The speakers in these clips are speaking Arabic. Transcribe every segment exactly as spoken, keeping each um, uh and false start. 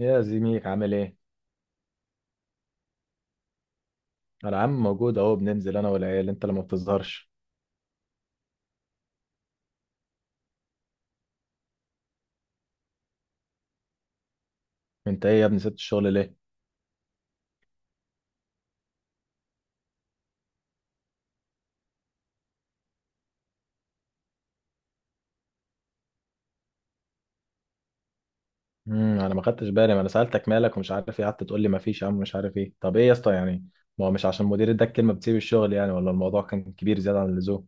يا زميك عامل ايه؟ انا عم موجود اهو بننزل انا والعيال، انت اللي ما بتظهرش. انت ايه يا ابني سبت الشغل ليه؟ امم انا ما خدتش بالي، ما انا سالتك مالك ومش عارف ايه، قعدت تقول لي ما فيش يا عم مش عارف ايه. طب ايه يا اسطى يعني؟ ما هو مش عشان مدير اداك كلمه بتسيب الشغل يعني، ولا الموضوع كان كبير زياده عن اللزوم.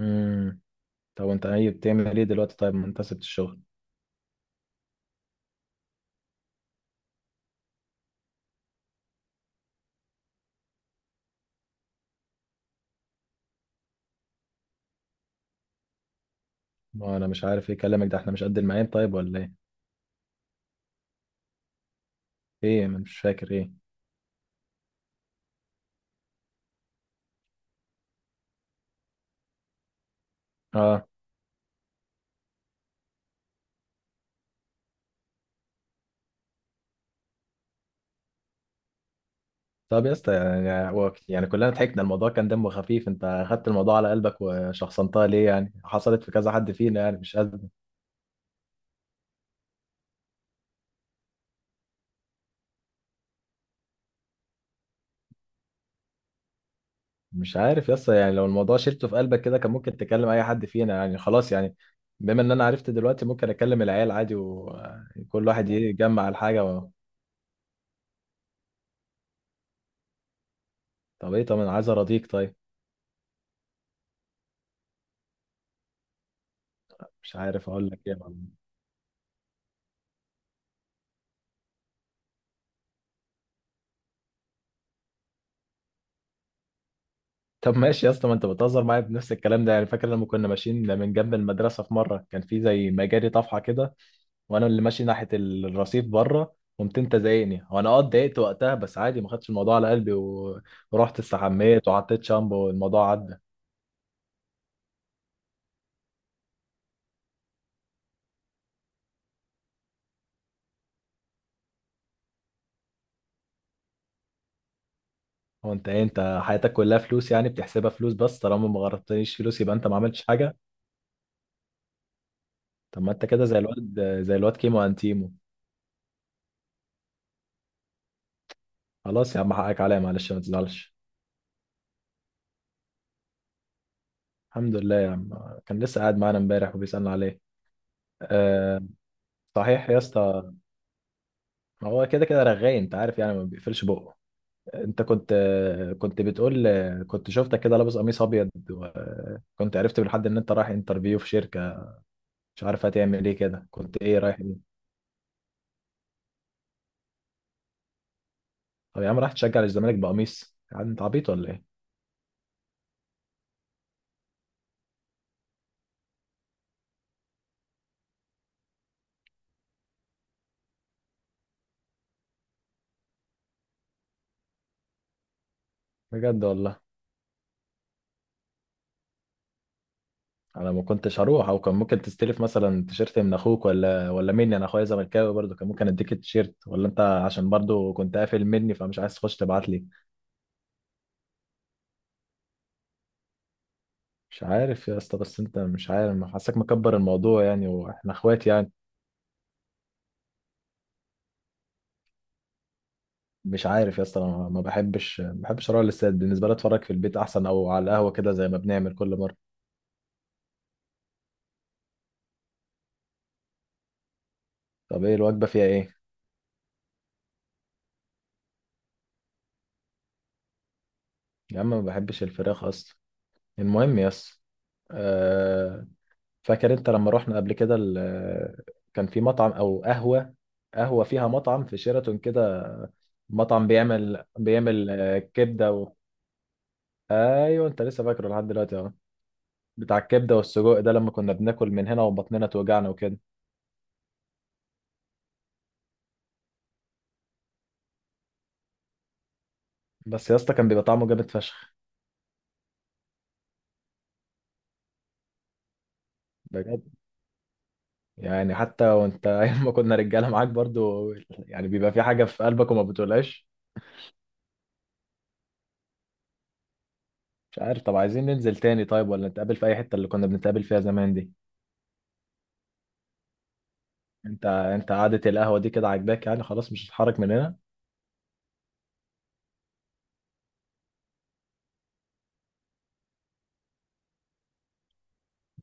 امم طب وانت ايه بتعمل ايه دلوقتي طيب، ما انت سبت الشغل. ما انا مش عارف ايه كلامك ده، احنا مش قد المعين طيب ولا ايه؟ ايه، ما أنا مش فاكر ايه. اه، طب يا اسطى يعني هو- يعني كلنا ضحكنا، الموضوع كان دمه خفيف، انت خدت الموضوع على قلبك وشخصنتها ليه؟ يعني حصلت في كذا حد فينا يعني، مش قادر. مش عارف يا اسطى يعني لو الموضوع شلته في قلبك كده، كان ممكن تكلم اي حد فينا يعني، خلاص يعني. بما ان انا عرفت دلوقتي ممكن اكلم العيال عادي وكل واحد يجمع الحاجه و... طب ايه، طب انا عايز اراضيك طيب. مش عارف اقول لك ايه والله. طب ماشي يا اسطى، ما انت بتهزر معايا بنفس الكلام ده يعني. فاكر لما كنا ماشيين من جنب المدرسه، في مره كان في زي مجاري طفحه كده، وانا اللي ماشي ناحيه الرصيف بره، قمت انت زايقني، وانا اه اتضايقت وقتها بس عادي ما خدتش الموضوع على قلبي و... ورحت استحميت وحطيت شامبو والموضوع عدى. هو انت ايه، انت حياتك كلها فلوس يعني؟ بتحسبها فلوس بس، طالما ما غرضتنيش فلوس يبقى انت ما عملتش حاجه. طب ما انت كده زي الواد، زي الواد كيمو انتيمو. خلاص يا عم، حقك عليا، معلش ما تزعلش. الحمد لله يا عم، كان لسه قاعد معانا امبارح وبيسألنا عليه. أه. صحيح يا اسطى، هو كده كده رغاي انت عارف يعني، ما بيقفلش بقه. انت كنت، كنت بتقول كنت شفتك كده لابس قميص ابيض، وكنت عرفت بالحد ان انت رايح انترفيو في شركه. مش عارف هتعمل ايه كده، كنت ايه، رايح ايه؟ طب يا عم رايح تشجع الزمالك بقميص يعني، انت عبيط ولا ايه؟ بجد والله. انا ما كنتش هروح، او كان ممكن تستلف مثلا تيشيرت من اخوك، ولا ولا مني، انا اخويا زملكاوي برضه، كان ممكن اديك التيشيرت، ولا انت عشان برضه كنت قافل مني فمش عايز تخش تبعت لي. مش عارف يا اسطى، بس انت مش عارف، حاسك مكبر الموضوع يعني، واحنا اخوات يعني. مش عارف يا اسطى، انا ما بحبش ما بحبش اروح الاستاد، بالنسبه لي اتفرج في البيت احسن، او على القهوه كده زي ما بنعمل كل مره. طب ايه الوجبه فيها ايه؟ يا عم ما بحبش الفراخ اصلا. المهم يا اسطى، آه، فاكر انت لما رحنا قبل كده ال- كان في مطعم او قهوه، قهوه فيها مطعم في شيراتون كده، مطعم بيعمل بيعمل آه، كبده و... ايوه، انت لسه فاكره لحد دلوقتي اهو. بتاع الكبده والسجق ده، لما كنا بناكل من هنا وبطننا توجعنا وكده. بس يا اسطى كان بيبقى طعمه جامد فشخ. بجد؟ يعني حتى وانت ايام ما كنا رجاله معاك برضو يعني، بيبقى في حاجه في قلبك وما بتقولهاش. مش عارف، طب عايزين ننزل تاني طيب، ولا نتقابل في اي حته اللي كنا بنتقابل فيها زمان دي؟ انت انت قعده القهوه دي كده عاجباك يعني خلاص، مش هتتحرك من هنا؟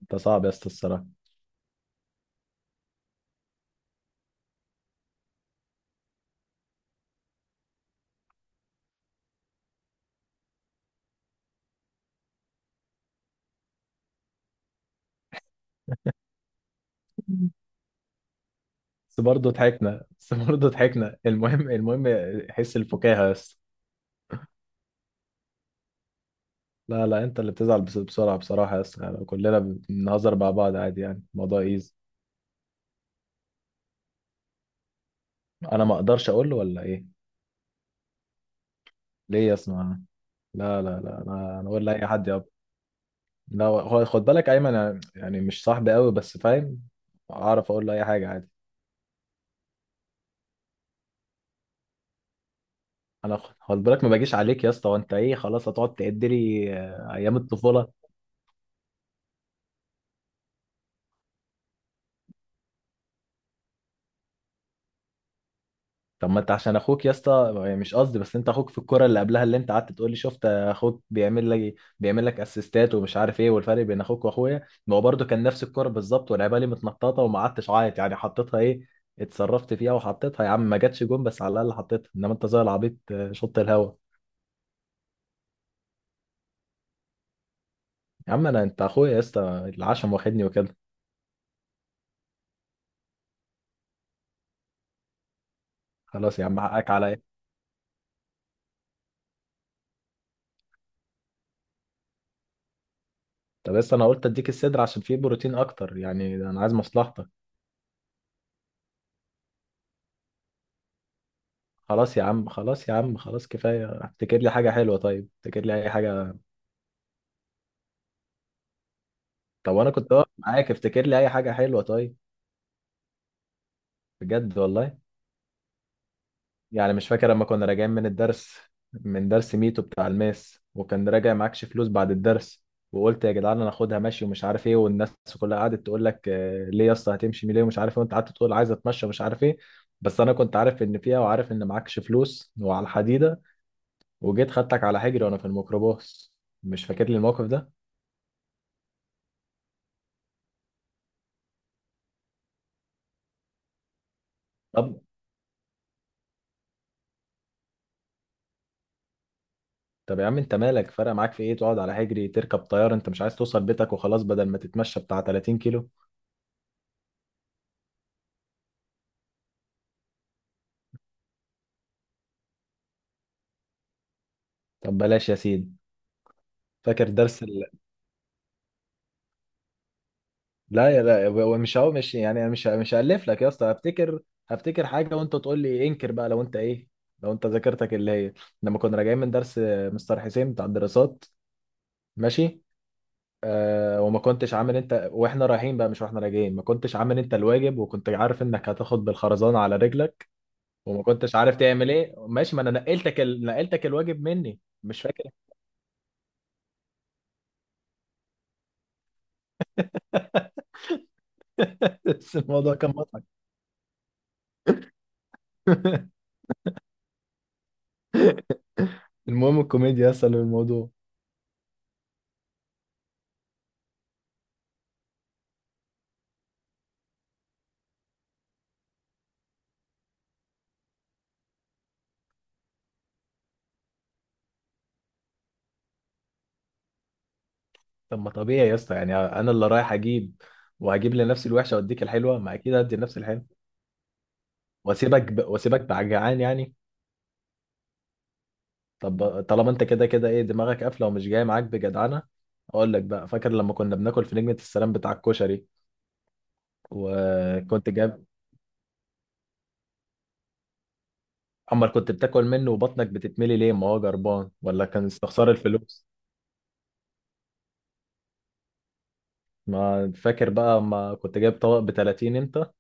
انت صعب يا اسطى الصراحه. بس برضه ضحكنا بس برضه ضحكنا المهم، المهم حس الفكاهه يا اسطى. لا لا، انت اللي بتزعل بس- بسرعه بصراحه يا اسطى يعني، كلنا بنهزر مع بعض عادي يعني، الموضوع ايزي. انا ما اقدرش اقول له ولا ايه؟ ليه يا اسطى؟ لا لا لا، انا أنا اقول لاي حد يا. لا، هو خد بالك ايمن، أنا يعني مش صاحبي قوي بس فاهم، اعرف اقول له اي حاجه عادي. انا خ- خد بالك ما باجيش عليك يا اسطى، وانت ايه خلاص هتقعد تعد لي آه، ايام الطفوله؟ طب ما انت عشان اخوك يا اسطى يعني، مش قصدي بس انت اخوك في الكوره اللي قبلها، اللي انت قعدت تقول لي شفت اخوك بيعمل لي بيعمل لك اسيستات ومش عارف ايه، والفرق بين اخوك واخويا، ما هو برده كان نفس الكوره بالظبط، ولعبها لي متنططه وما قعدتش عيط يعني، حطيتها، ايه اتصرفت فيها وحطيتها يا عم، ما جاتش جون بس على الاقل حطيتها، انما انت زي العبيط آه، شط الهوا. يا عم انا، انت اخويا يا اسطى، العشم واخدني وكده. خلاص يا عم حقك عليا. طب بس انا قلت اديك الصدر عشان فيه بروتين اكتر يعني، انا عايز مصلحتك. خلاص يا عم خلاص يا عم خلاص كفايه، افتكر لي حاجه حلوه طيب، افتكر لي اي حاجه. طب وانا كنت واقف معاك، افتكر لي اي حاجه حلوه طيب. بجد والله؟ يعني مش فاكر لما كنا راجعين من الدرس، من درس ميتو بتاع الماس، وكان راجع معكش فلوس بعد الدرس، وقلت يا جدعان انا هاخدها ماشي ومش عارف ايه، والناس كلها قعدت تقول لك آه، ليه يا اسطى هتمشي ليه ومش عارف ايه، وانت قعدت تقول عايز اتمشى ومش عارف ايه. بس انا كنت عارف ان فيها، وعارف ان معكش فلوس وعلى الحديده، وجيت خدتك على حجري وانا في الميكروباص. مش فاكر لي الموقف ده؟ طب طب يا عم انت مالك، فرق معاك في ايه تقعد على حجري، تركب طياره، انت مش عايز توصل بيتك وخلاص بدل ما تتمشى بتاع تلاتين كيلو. طب بلاش يا سيدي. فاكر درس، لا يا لا، هو مش هو مش يعني، أنا مش مش هألف لك يا اسطى، هفتكر هفتكر حاجة وانت تقول لي انكر بقى، لو انت ايه، لو انت ذاكرتك اللي هي لما كنا راجعين من درس مستر حسين بتاع الدراسات. ماشي. آه، وما كنتش عامل انت واحنا رايحين بقى، مش واحنا راجعين، ما كنتش عامل انت الواجب، وكنت عارف انك هتاخد بالخرزانة على رجلك، وما كنتش عارف تعمل ايه ماشي، ما انا نقلتك ال... نقلتك الواجب مني مش فاكر؟ بس الموضوع كان مضحك. المهم الكوميديا اصلا الموضوع. طب ما طبيعي يا اسطى يعني، انا اللي رايح اجيب، وهجيب لنفسي الوحشه واديك الحلوه، ما اكيد هدي لنفسي الحلوه. واسيبك ب... واسيبك بعجعان يعني؟ طب طالما انت كده كده ايه، دماغك قافله ومش جاي معاك بجدعنه. اقول لك بقى، فاكر لما كنا بناكل في نجمه السلام بتاع الكشري، وكنت جاب. امال كنت بتاكل منه وبطنك بتتملي ليه، ما هو جربان ولا كان استخسار الفلوس؟ ما فاكر بقى ما كنت جايب طبق ب تلاتين انت،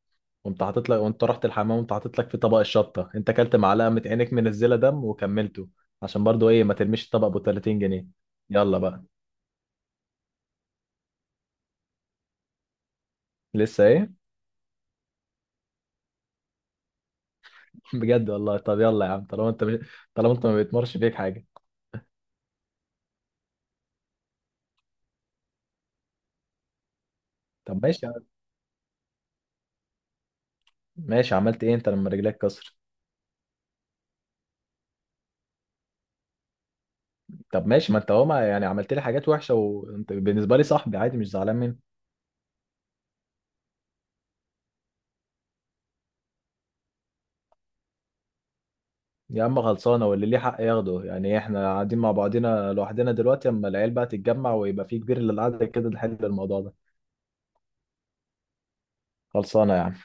وانت حاطط لك، وانت رحت الحمام وانت حاطط لك في طبق الشطه، انت اكلت معلقه من عينك منزله دم وكملته، عشان برضو ايه ما ترميش الطبق ب تلاتين جنيه. يلا بقى. لسه ايه؟ بجد والله، طب يلا يا عم طالما انت مش... طالما انت ما بيتمرش فيك حاجه. طب ماشي يا عم. ماشي، عملت ايه انت لما رجلك كسر؟ طب ماشي، ما انت هو ما- يعني عملت لي حاجات وحشه، وانت بالنسبه لي صاحبي عادي مش زعلان منه. يا عم خلصانه، واللي ليه حق ياخده، يعني ايه، احنا قاعدين مع بعضينا لوحدنا دلوقتي، اما العيال بقى تتجمع ويبقى في كبير للقعده كده نحل الموضوع ده. خلصانه يا